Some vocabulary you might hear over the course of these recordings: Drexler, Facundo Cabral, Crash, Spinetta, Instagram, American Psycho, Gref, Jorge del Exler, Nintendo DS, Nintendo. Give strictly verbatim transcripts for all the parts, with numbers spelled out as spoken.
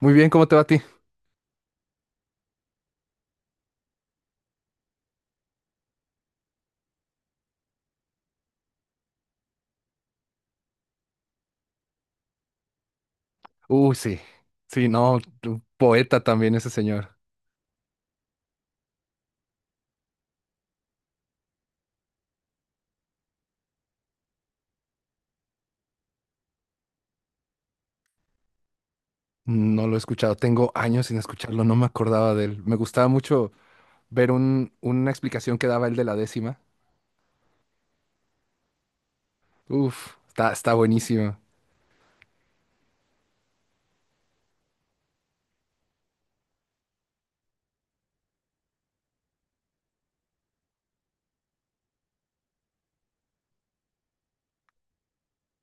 Muy bien, ¿cómo te va a ti? Uy, sí. Sí, no, un poeta también ese señor. No lo he escuchado. Tengo años sin escucharlo, no me acordaba de él. Me gustaba mucho ver un, una explicación que daba él de la décima. Uf, está, está buenísimo.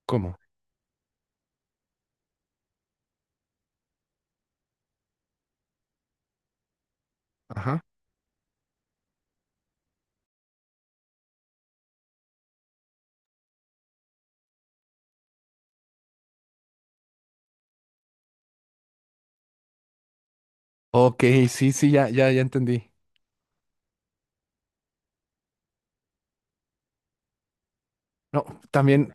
¿Cómo? Ajá. Ok, sí, sí, ya, ya, ya entendí. No, también,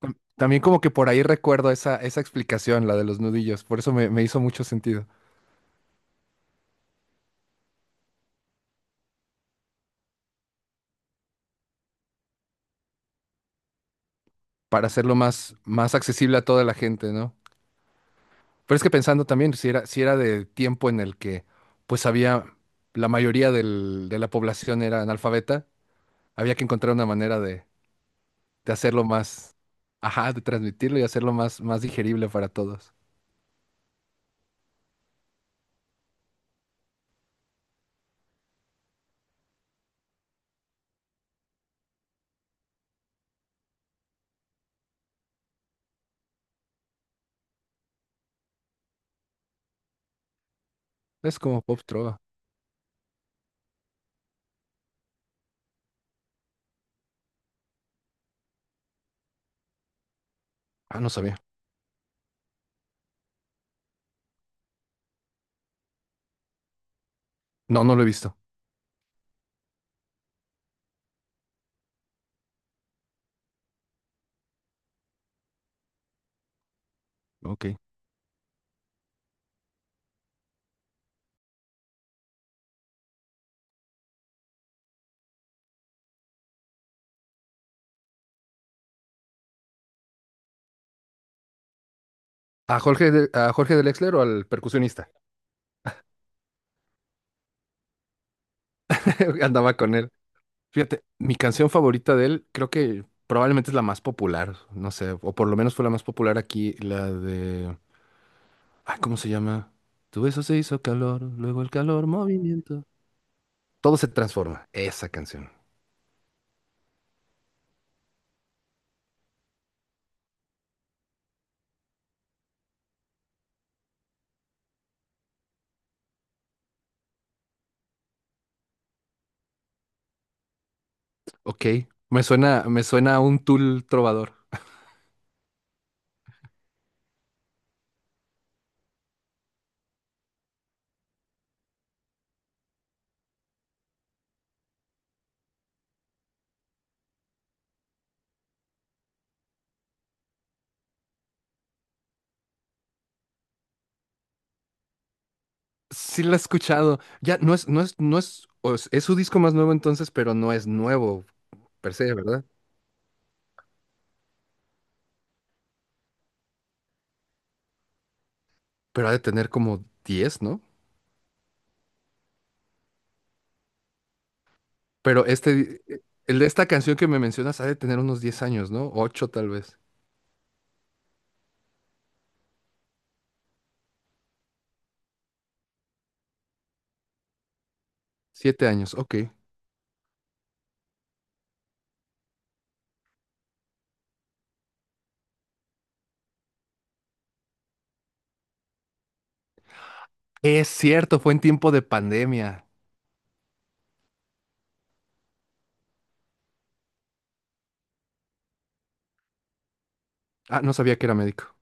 tam- también como que por ahí recuerdo esa, esa explicación, la de los nudillos. Por eso me, me hizo mucho sentido. Para hacerlo más, más accesible a toda la gente, ¿no? Pero es que pensando también, si era, si era de tiempo en el que pues había, la mayoría del- de la población era analfabeta, había que encontrar una manera de, de hacerlo más, ajá, de transmitirlo y hacerlo más, más digerible para todos. Es como Pop Trova. Ah, no sabía. No, no lo he visto. Ok. ¿A Jorge, de- a Jorge del Exler o al percusionista? Andaba con él. Fíjate, mi canción favorita de él creo que probablemente es la más popular, no sé, o por lo menos fue la más popular aquí, la de... Ay, ¿cómo se llama? Tu beso se hizo calor, luego el calor, movimiento. Todo se transforma. Esa canción. Ok. Me suena, me suena a un Tool trovador. Sí la he escuchado. Ya, no es, no es, no es, o es, es su disco más nuevo entonces, pero no es nuevo per se, ¿verdad? Pero ha de tener como diez, ¿no? Pero este, eh, el de esta canción que me mencionas ha de tener unos diez años, ¿no? Ocho tal vez. Siete años, ok. Es cierto, fue en tiempo de pandemia. Ah, no sabía que era médico.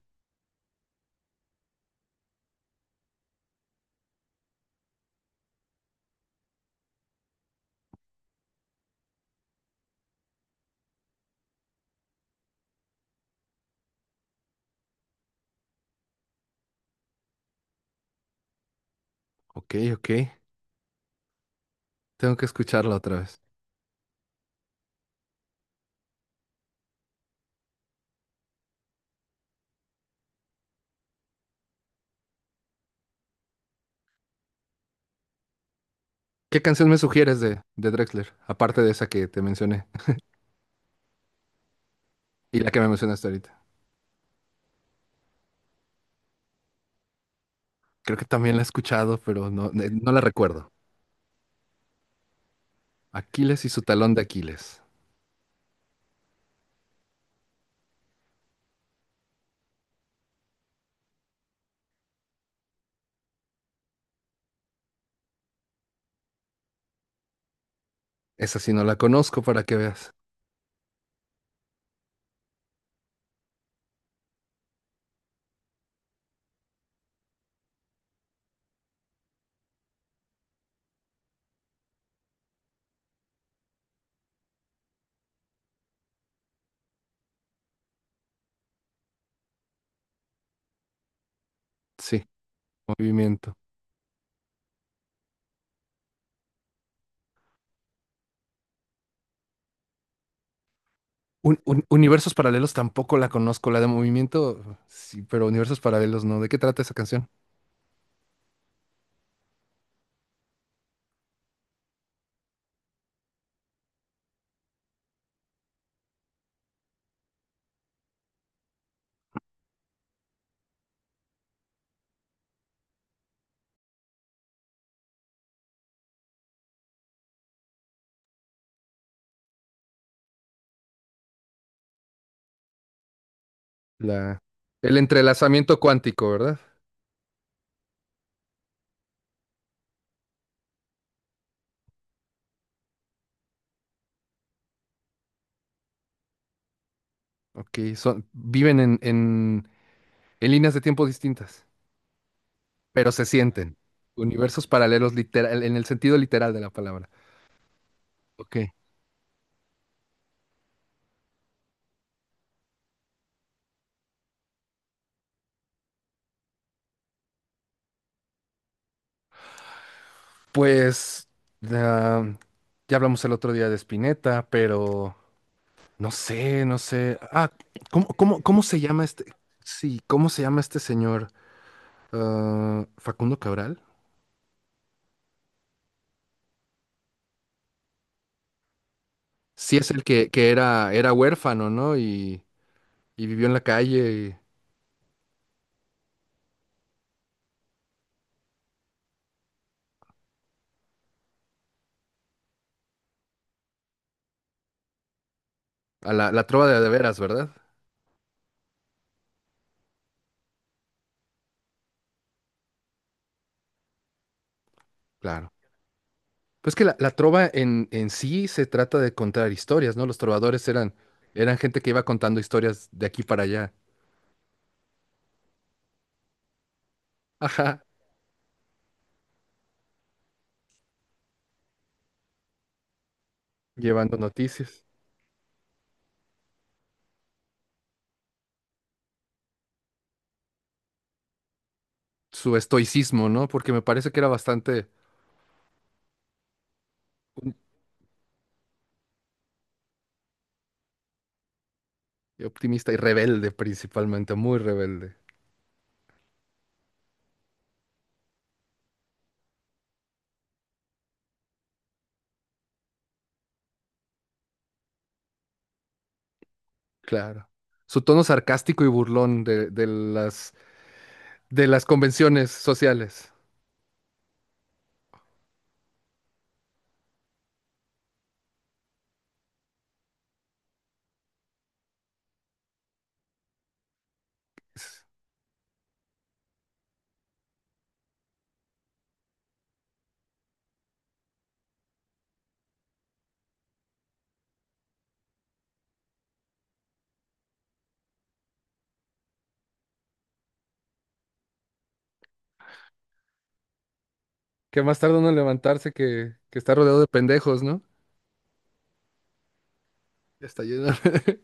Ok, ok. Tengo que escucharla otra vez. ¿Qué canción me sugieres de, de Drexler? Aparte de esa que te mencioné y la que me mencionaste ahorita. Creo que también la he escuchado, pero no, ne- no la recuerdo. Aquiles y su talón de Aquiles. Esa sí no la conozco para que veas. Sí, movimiento. Un- un- universos paralelos tampoco la conozco. La de movimiento, sí, pero universos paralelos no. ¿De qué trata esa canción? La, el entrelazamiento cuántico, ¿verdad? Ok, son, viven en, en, en líneas de tiempo distintas, pero se sienten. Universos paralelos literal, en el sentido literal de la palabra. Ok. Pues ah, ya hablamos el otro día de Spinetta, pero no sé, no sé. Ah, ¿cómo, cómo, ¿cómo se llama este? Sí, ¿cómo se llama este señor? Ah, Facundo Cabral. Sí, es el que, que era, era huérfano, ¿no? Y, y vivió en la calle. Y a la, la trova de, de veras, ¿verdad? Claro. Pues que la, la trova en, en sí se trata de contar historias, ¿no? Los trovadores eran, eran gente que iba contando historias de aquí para allá. Ajá, llevando noticias. Su estoicismo, ¿no? Porque me parece que era bastante optimista y rebelde principalmente, muy rebelde. Claro. Su tono sarcástico y burlón de, de las, de las convenciones sociales. Que más tarde uno en levantarse que, que está rodeado de pendejos, ¿no? Está lleno.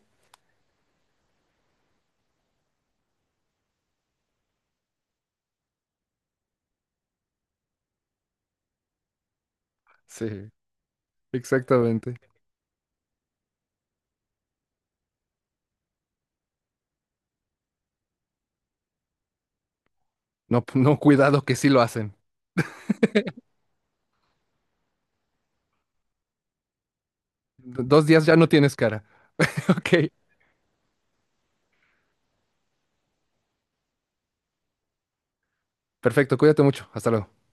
Sí, exactamente. No, no, cuidado que sí lo hacen. Dos días ya no tienes cara. Ok, perfecto, cuídate mucho. Hasta luego.